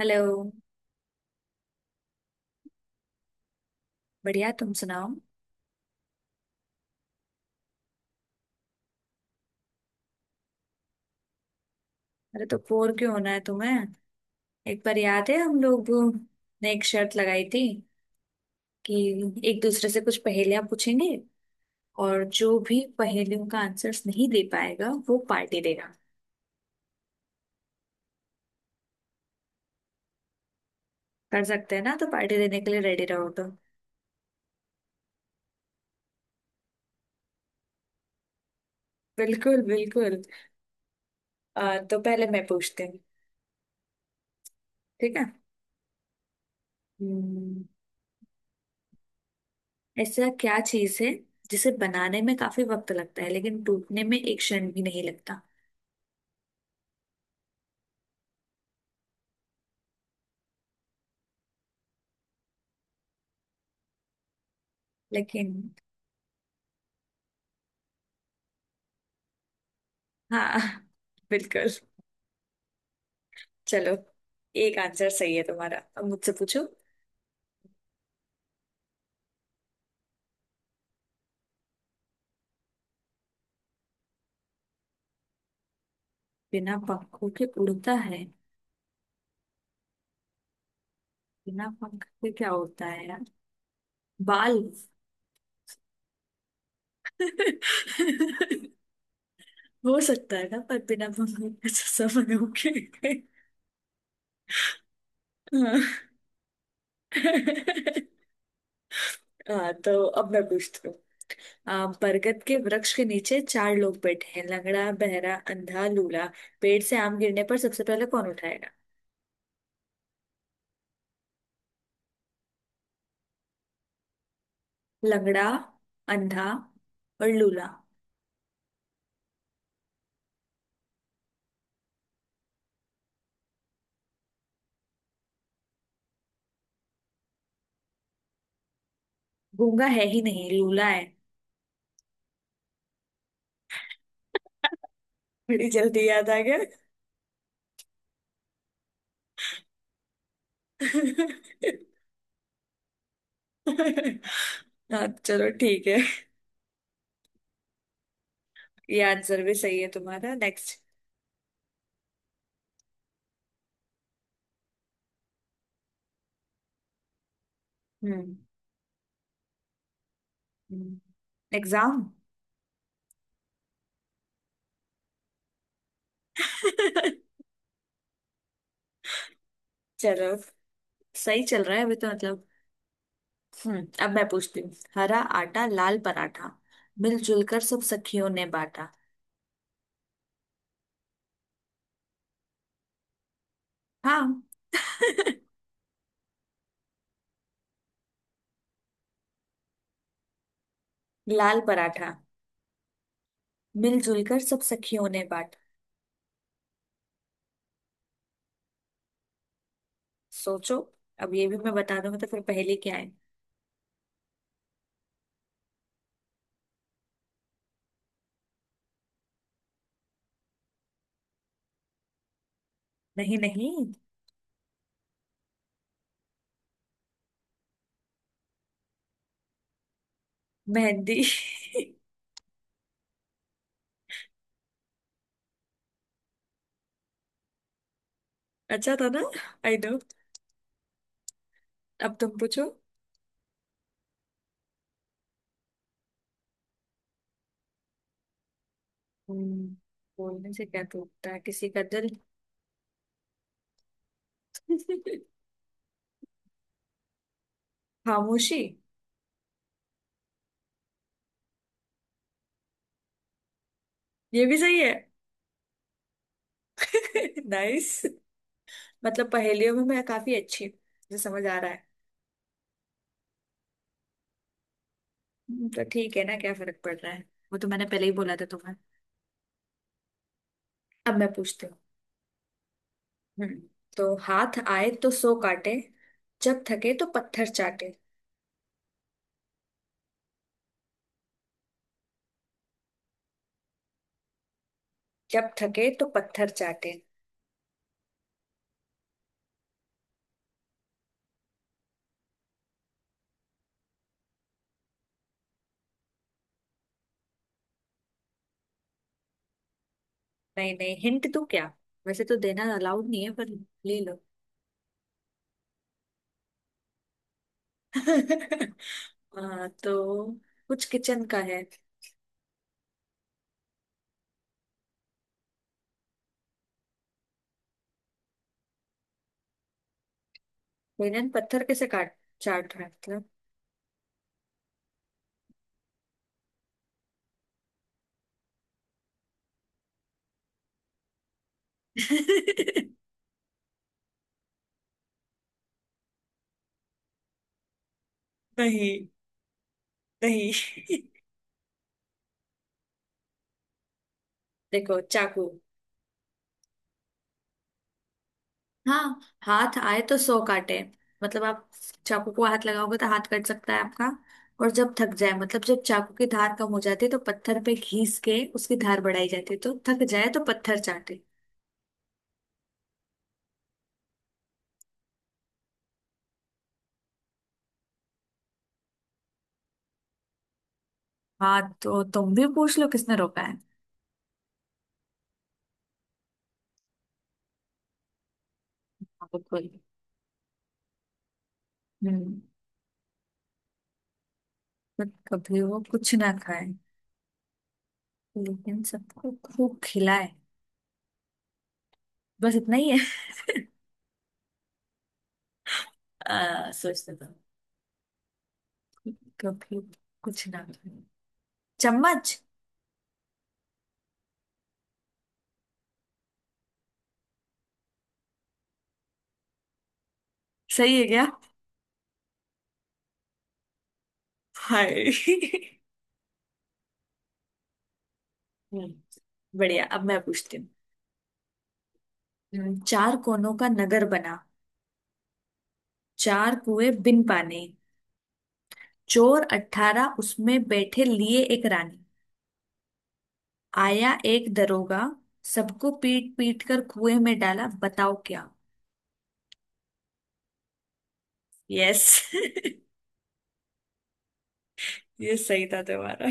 Hello. बढ़िया, तुम सुनाओ। अरे, तो बोर क्यों होना है तुम्हें? एक बार याद है हम लोग ने एक शर्त लगाई थी कि एक दूसरे से कुछ पहेलियां पूछेंगे और जो भी पहेलियों का आंसर्स नहीं दे पाएगा वो पार्टी देगा। कर सकते हैं ना, तो पार्टी देने के लिए रेडी रहो तो। बिल्कुल बिल्कुल। तो पहले मैं पूछती हूँ। ठीक है। हम्म, ऐसा क्या चीज है जिसे बनाने में काफी वक्त लगता है लेकिन टूटने में एक क्षण भी नहीं लगता? लेकिन हाँ बिल्कुल। चलो, एक आंसर सही है तुम्हारा, अब मुझसे पूछो। बिना पंखों के उड़ता है? बिना पंख के क्या होता है यार, बाल? हो सकता है ना, पर बिना पंखों के तो समय हो गए। हाँ हाँ, तो अब मैं पूछती हूँ। बरगद के वृक्ष के नीचे चार लोग बैठे हैं, लंगड़ा, बहरा, अंधा, लूला। पेड़ से आम गिरने पर सबसे पहले कौन उठाएगा? लंगड़ा, अंधा और लूला। गूंगा है ही नहीं, लूला है। बड़ी जल्दी याद आ गया हाँ, चलो ठीक है। ये आंसर भी सही है तुम्हारा। नेक्स्ट। हम्म। एग्जाम। चलो, सही चल रहा है अभी तो, मतलब। हम्म, अब मैं पूछती हूँ। हरा आटा, लाल पराठा, मिलजुल कर सब सखियों ने बांटा। हाँ लाल पराठा, मिलजुल कर सब सखियों ने बांटा। सोचो, अब ये भी मैं बता दूंगा तो फिर पहेली क्या है? नहीं नहीं। मेहंदी अच्छा था ना। I know. अब तुम पूछो। हम्म, बोलने से क्या टूटता है, किसी का दिल? खामोशी। ये भी सही है। नाइस। मतलब पहेलियों में मैं काफी अच्छी हूँ, मुझे समझ आ रहा है। तो ठीक है ना, क्या फर्क पड़ रहा है। वो तो मैंने पहले ही बोला था तुम्हें। अब मैं पूछती हूँ। हम्म। तो हाथ आए तो सो काटे, जब थके तो पत्थर चाटे। जब थके तो पत्थर चाटे। नहीं नहीं, हिंट दूं क्या? वैसे तो देना अलाउड नहीं है, पर ले लो। हाँ, तो कुछ किचन का है। बेलन पत्थर कैसे काट, चाट रहा है मतलब। नहीं नहीं, देखो, चाकू। हाँ, हाथ आए तो सौ काटे। मतलब आप चाकू को हाथ लगाओगे तो हाथ कट सकता है आपका। और जब थक जाए, मतलब जब चाकू की धार कम हो जाती है तो पत्थर पे घिस के उसकी धार बढ़ाई जाती है, तो थक जाए तो पत्थर चाटे। हाँ, तो तुम भी पूछ लो, किसने रोका है। हाँ, बिल्कुल। हम्म। पर कभी वो कुछ ना खाए, लेकिन सबको खूब खिलाए? बस इतना ही है। सोचते तो। कभी कुछ ना खाया। चम्मच। सही है क्या? हाय। हम्म, बढ़िया, अब मैं पूछती हूँ। चार कोनों का नगर बना, चार कुएं बिन पानी, चोर अठारह उसमें बैठे, लिए एक रानी। आया एक दरोगा, सबको पीट पीट कर कुएं में डाला। बताओ क्या? यस ये सही था तुम्हारा।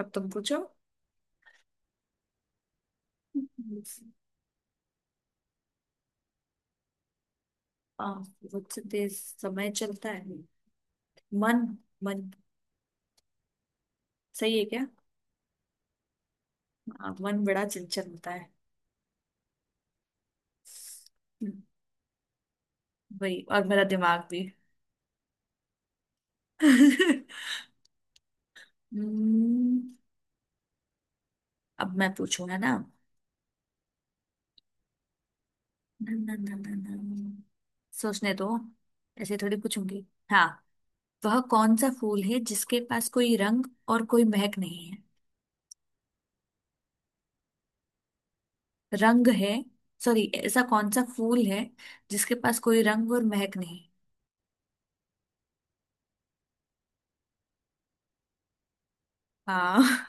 अब तुम पूछो। आ, बहुत से देर समय चलता है। मन। मन सही है क्या? हाँ, मन बड़ा चंचल होता है। हम्म, वही, और मेरा दिमाग भी। हम्म, अब मैं पूछूं है ना। ना, ना, ना, ना, ना। सोचने दो, ऐसे थोड़ी पूछूंगी। हाँ, वह कौन सा फूल है जिसके पास कोई रंग और कोई महक नहीं है? रंग है, सॉरी, ऐसा कौन सा फूल है जिसके पास कोई रंग और महक नहीं? हाँ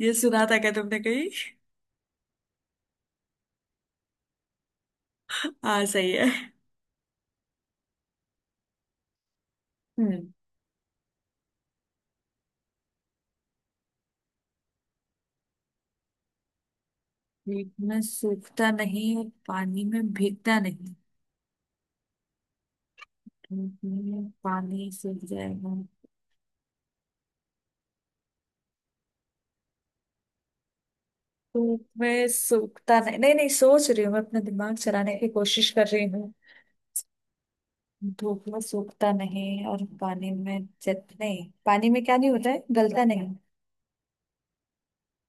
ये सुना था क्या तुमने कहीं? हाँ, सही है। हम्म। धूप में सूखता नहीं और पानी में भीगता नहीं। पानी सूख जाएगा तो मैं सूखता नहीं नहीं नहीं सोच रही हूँ, मैं अपना दिमाग चलाने की कोशिश कर रही हूँ। धूप में सूखता नहीं और पानी में जत नहीं, पानी में क्या नहीं होता है, गलता नहीं?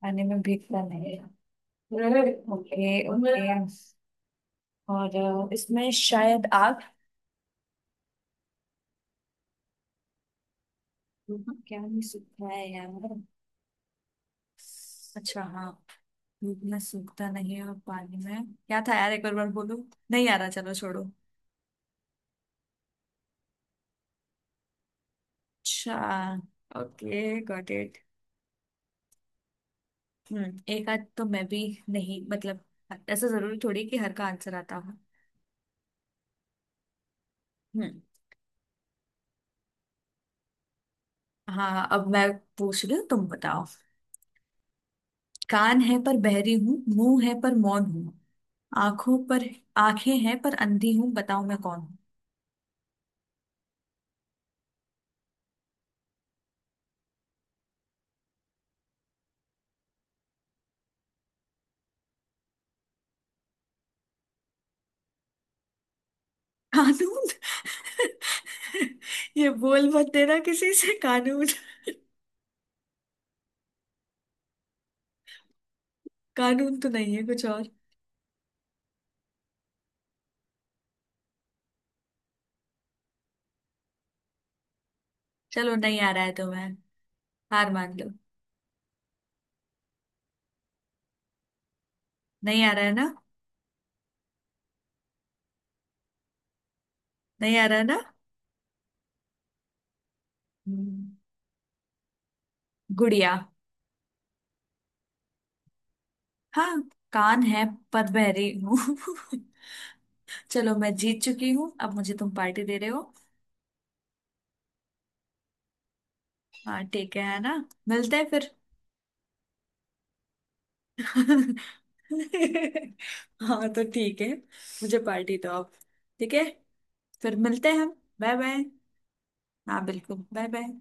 पानी में भीगता नहीं। Okay okay. और इसमें शायद आग? क्या नहीं सूखता है यार। अच्छा हाँ। धूप में सूखता नहीं और पानी में क्या था यार, एक बार बार बोलो। नहीं आ रहा, चलो छोड़ो। अच्छा, ओके, गॉट इट। हम्म, एक आध तो मैं भी, नहीं मतलब, ऐसा जरूरी थोड़ी कि हर का आंसर आता हो। हम्म। हाँ, अब मैं पूछ रही हूँ, तुम बताओ। कान है पर बहरी हूँ, मुंह है पर मौन हूँ, आंखों पर, आंखें हैं पर अंधी हूँ, बताओ मैं कौन हूँ? कानून ये बोल मत देना किसी से, कानून। कानून तो नहीं है, कुछ और। चलो, नहीं आ रहा है तुम्हें, हार मान लो। नहीं आ रहा है ना? नहीं आ रहा है ना? हम्म, गुड़िया। हाँ, कान है पर बहरी हूँ। चलो, मैं जीत चुकी हूँ, अब मुझे तुम पार्टी दे रहे हो। हाँ ठीक है ना। मिलते हैं फिर। हाँ, तो ठीक है। मुझे पार्टी दो अब। ठीक है, फिर मिलते हैं हम। Bye bye. हाँ, बिल्कुल, बाय बाय।